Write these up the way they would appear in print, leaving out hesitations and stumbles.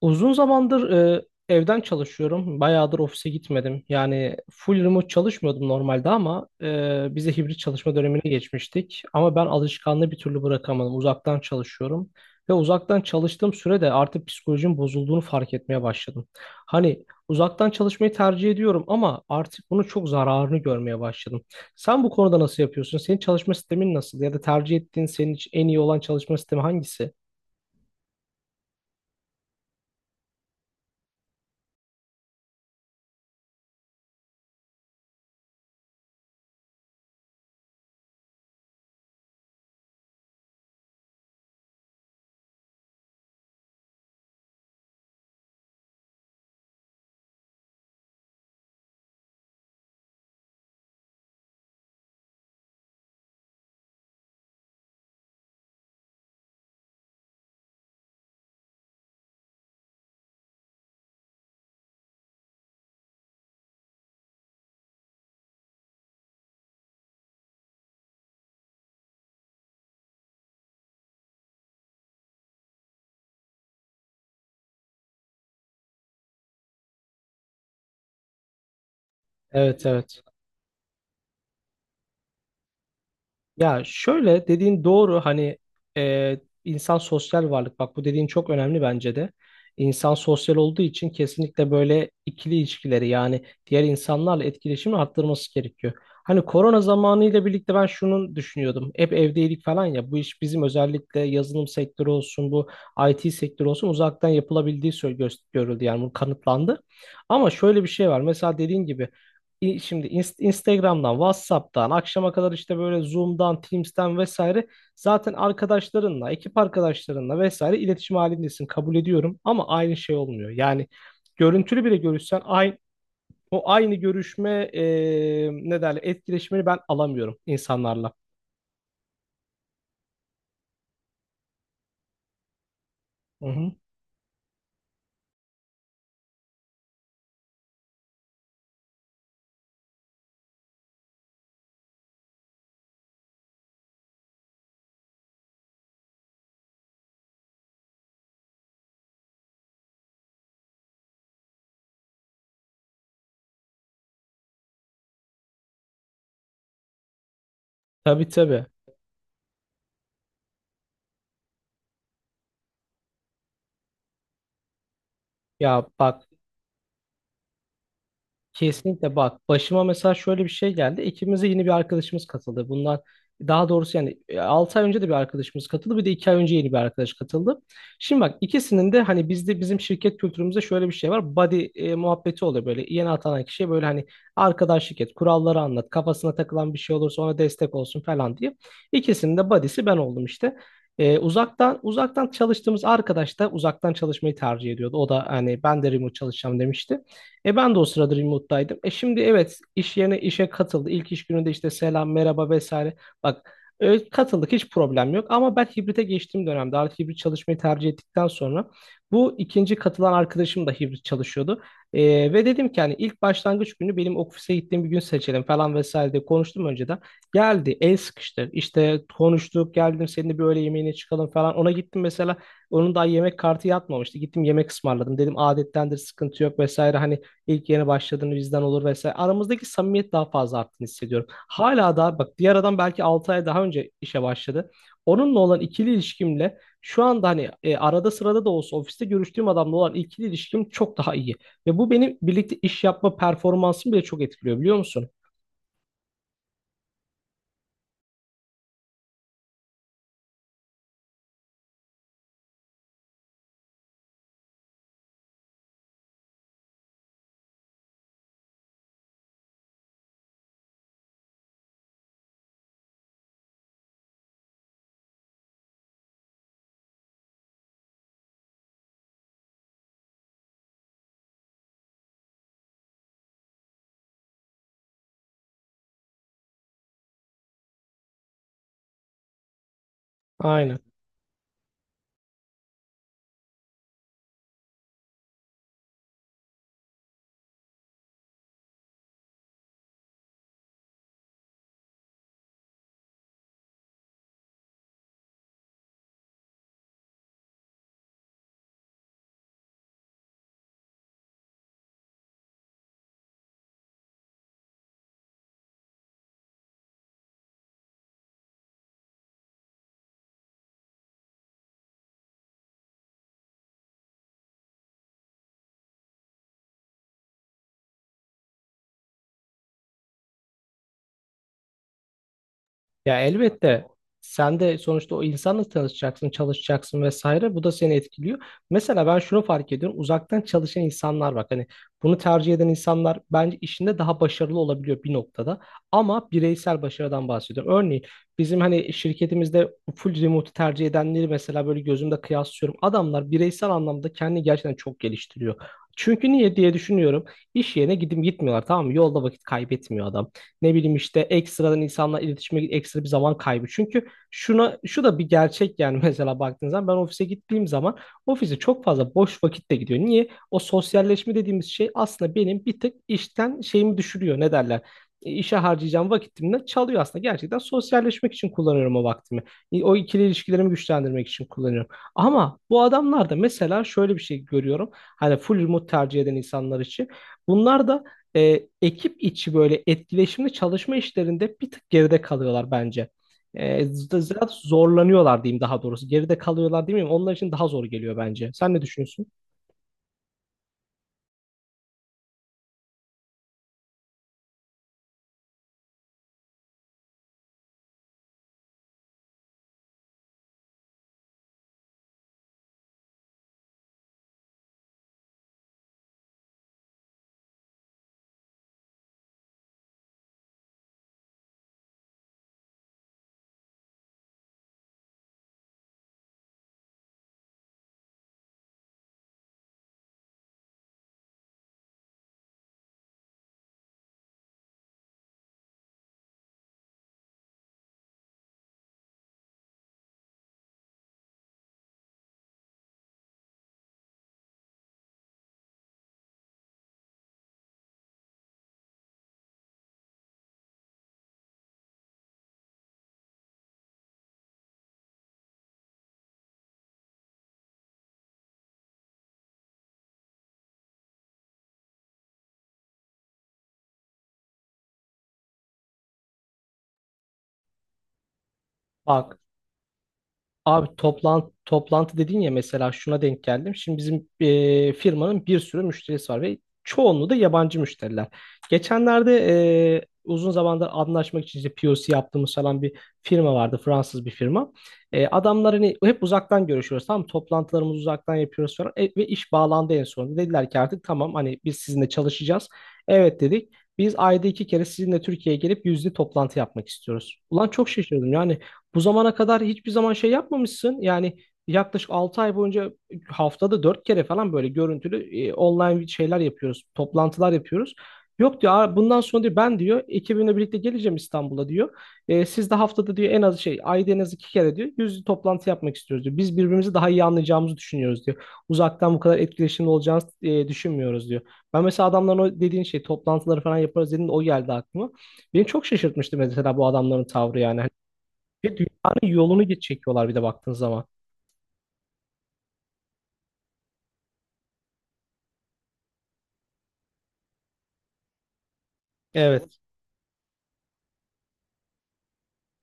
Uzun zamandır evden çalışıyorum. Bayağıdır ofise gitmedim. Yani full remote çalışmıyordum normalde ama bize hibrit çalışma dönemine geçmiştik. Ama ben alışkanlığı bir türlü bırakamadım. Uzaktan çalışıyorum. Ve uzaktan çalıştığım sürede artık psikolojim bozulduğunu fark etmeye başladım. Hani uzaktan çalışmayı tercih ediyorum ama artık bunun çok zararını görmeye başladım. Sen bu konuda nasıl yapıyorsun? Senin çalışma sistemin nasıl? Ya da tercih ettiğin senin için en iyi olan çalışma sistemi hangisi? Evet, evet. Ya, şöyle dediğin doğru. Hani insan sosyal varlık, bak, bu dediğin çok önemli bence de. İnsan sosyal olduğu için kesinlikle böyle ikili ilişkileri, yani diğer insanlarla etkileşimi arttırması gerekiyor. Hani korona zamanıyla birlikte ben şunu düşünüyordum. Hep evdeydik falan ya, bu iş bizim, özellikle yazılım sektörü olsun, bu IT sektörü olsun, uzaktan yapılabildiği görüldü, yani bu kanıtlandı. Ama şöyle bir şey var, mesela dediğin gibi, şimdi Instagram'dan, WhatsApp'tan, akşama kadar işte böyle Zoom'dan, Teams'ten vesaire zaten arkadaşlarınla, ekip arkadaşlarınla vesaire iletişim halindesin. Kabul ediyorum ama aynı şey olmuyor. Yani görüntülü bile görüşsen aynı o aynı görüşme ne derler, etkileşimini ben alamıyorum insanlarla. Hı hı. Tabii, tabii. Ya bak Kesinlikle bak, başıma mesela şöyle bir şey geldi. İkimize yeni bir arkadaşımız katıldı. Daha doğrusu yani 6 ay önce de bir arkadaşımız katıldı. Bir de 2 ay önce yeni bir arkadaş katıldı. Şimdi bak, ikisinin de hani bizde şirket kültürümüzde şöyle bir şey var. Buddy muhabbeti oluyor böyle. Yeni atanan kişiye böyle hani arkadaşlık et, kuralları anlat, kafasına takılan bir şey olursa ona destek olsun falan diye. İkisinin de buddy'si ben oldum işte. Uzaktan çalıştığımız arkadaş da uzaktan çalışmayı tercih ediyordu. O da hani ben de remote çalışacağım demişti. Ben de o sırada remote'daydım. Şimdi evet, iş yerine, işe katıldı. İlk iş gününde işte selam, merhaba vesaire. Bak, katıldık, hiç problem yok. Ama ben hibrite geçtiğim dönemde, artık hibrit çalışmayı tercih ettikten sonra, bu ikinci katılan arkadaşım da hibrit çalışıyordu. Ve dedim ki hani ilk başlangıç günü benim ofise gittiğim bir gün seçelim falan vesaire diye konuştum önceden. Geldi, el sıkıştı. İşte konuştuk, geldim seninle bir öğle yemeğine çıkalım falan. Ona gittim mesela, onun daha yemek kartı yatmamıştı. Gittim, yemek ısmarladım. Dedim adettendir, sıkıntı yok vesaire. Hani İlk yeni başladığını bizden olur vesaire. Aramızdaki samimiyet daha fazla arttığını hissediyorum. Hala daha bak, diğer adam belki 6 ay daha önce işe başladı. Onunla olan ikili ilişkimle şu anda, hani arada sırada da olsa ofiste görüştüğüm adamla olan ikili ilişkim çok daha iyi. Ve bu benim birlikte iş yapma performansımı bile çok etkiliyor, biliyor musun? Aynen. Ya elbette, sen de sonuçta o insanla tanışacaksın, çalışacaksın vesaire. Bu da seni etkiliyor. Mesela ben şunu fark ediyorum. Uzaktan çalışan insanlar, bak hani, bunu tercih eden insanlar bence işinde daha başarılı olabiliyor bir noktada. Ama bireysel başarıdan bahsediyorum. Örneğin bizim hani şirketimizde full remote tercih edenleri mesela böyle gözümde kıyaslıyorum. Adamlar bireysel anlamda kendini gerçekten çok geliştiriyor. Çünkü niye diye düşünüyorum. İş yerine gidip gitmiyorlar, tamam mı? Yolda vakit kaybetmiyor adam. Ne bileyim işte ekstradan insanla iletişime ekstra bir zaman kaybı. Çünkü şuna, şu da bir gerçek yani mesela baktığınız zaman, ben ofise gittiğim zaman ofise çok fazla boş vakit de gidiyor. Niye? O sosyalleşme dediğimiz şey aslında benim bir tık işten şeyimi düşürüyor. Ne derler? İşe harcayacağım vakitimden çalıyor aslında. Gerçekten sosyalleşmek için kullanıyorum o vaktimi. O ikili ilişkilerimi güçlendirmek için kullanıyorum. Ama bu adamlar da mesela şöyle bir şey görüyorum. Hani full remote tercih eden insanlar için. Bunlar da ekip içi böyle etkileşimli çalışma işlerinde bir tık geride kalıyorlar bence. Biraz zorlanıyorlar diyeyim, daha doğrusu. Geride kalıyorlar değil mi? Onlar için daha zor geliyor bence. Sen ne düşünüyorsun? Bak abi, toplantı toplantı dedin ya, mesela şuna denk geldim. Şimdi bizim firmanın bir sürü müşterisi var ve çoğunluğu da yabancı müşteriler. Geçenlerde uzun zamandır anlaşmak için işte POC yaptığımız falan bir firma vardı. Fransız bir firma. Adamlar hani hep uzaktan görüşüyoruz, tamam mı? Toplantılarımızı uzaktan yapıyoruz falan. Ve iş bağlandı en sonunda. Dediler ki artık tamam, hani biz sizinle çalışacağız. Evet dedik. Biz ayda 2 kere sizinle Türkiye'ye gelip yüzde toplantı yapmak istiyoruz. Ulan çok şaşırdım. Yani bu zamana kadar hiçbir zaman şey yapmamışsın. Yani yaklaşık 6 ay boyunca haftada 4 kere falan böyle görüntülü online şeyler yapıyoruz. Toplantılar yapıyoruz. Yok diyor, "Aa, bundan sonra diyor, ben diyor ekibimle birlikte geleceğim İstanbul'a diyor. Siz de haftada diyor en az şey, ayda en az 2 kere diyor, yüzlü toplantı yapmak istiyoruz diyor. Biz birbirimizi daha iyi anlayacağımızı düşünüyoruz diyor. Uzaktan bu kadar etkileşimli olacağını düşünmüyoruz diyor. Ben mesela adamların o dediğin şey, toplantıları falan yaparız dediğinde o geldi aklıma. Beni çok şaşırtmıştı mesela bu adamların tavrı yani. Ve dünyanın yolunu geç çekiyorlar bir de baktığın zaman. Evet.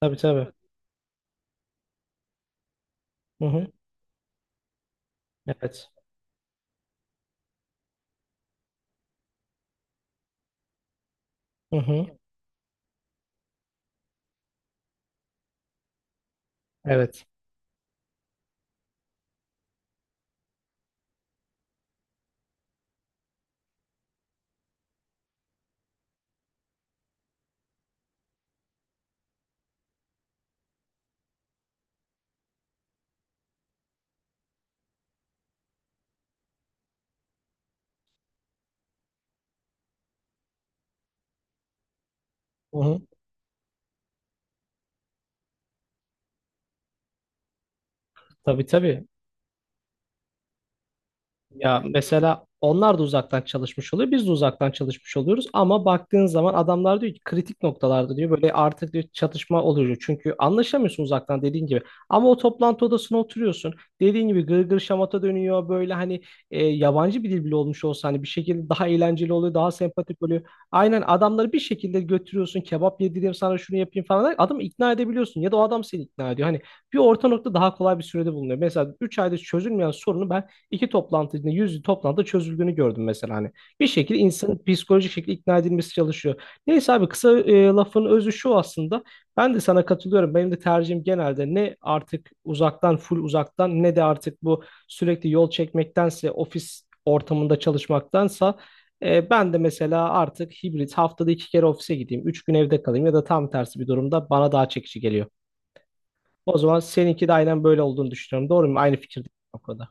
Tabii, tabii. Hı hı. Evet. Hı hı. Evet. Hı hı. Tabii, tabii. Ya mesela onlar da uzaktan çalışmış oluyor, biz de uzaktan çalışmış oluyoruz ama baktığın zaman adamlar diyor ki, kritik noktalarda diyor böyle artık diyor çatışma oluyor. Çünkü anlaşamıyorsun uzaktan, dediğin gibi. Ama o toplantı odasına oturuyorsun. Dediğin gibi gırgır şamata dönüyor böyle, hani yabancı bir dil bile olmuş olsa hani bir şekilde daha eğlenceli oluyor, daha sempatik oluyor. Aynen, adamları bir şekilde götürüyorsun, kebap yedireyim sana, şunu yapayım falan derken adamı ikna edebiliyorsun ya da o adam seni ikna ediyor. Hani bir orta nokta daha kolay bir sürede bulunuyor. Mesela 3 ayda çözülmeyen sorunu ben 2 toplantı içinde, yüz toplantıda çözüldüğünü gördüm mesela hani. Bir şekilde insanın psikolojik şekilde ikna edilmesi çalışıyor. Neyse abi, kısa lafın özü şu aslında. Ben de sana katılıyorum. Benim de tercihim, genelde ne artık uzaktan, full uzaktan, ne de artık bu sürekli yol çekmektense ofis ortamında çalışmaktansa, ben de mesela artık hibrit, haftada 2 kere ofise gideyim. 3 gün evde kalayım ya da tam tersi bir durumda bana daha çekici geliyor. O zaman seninki de aynen böyle olduğunu düşünüyorum. Doğru mu? Aynı fikirde o konuda.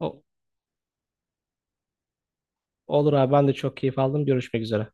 O- Olur abi, ben de çok keyif aldım. Görüşmek üzere.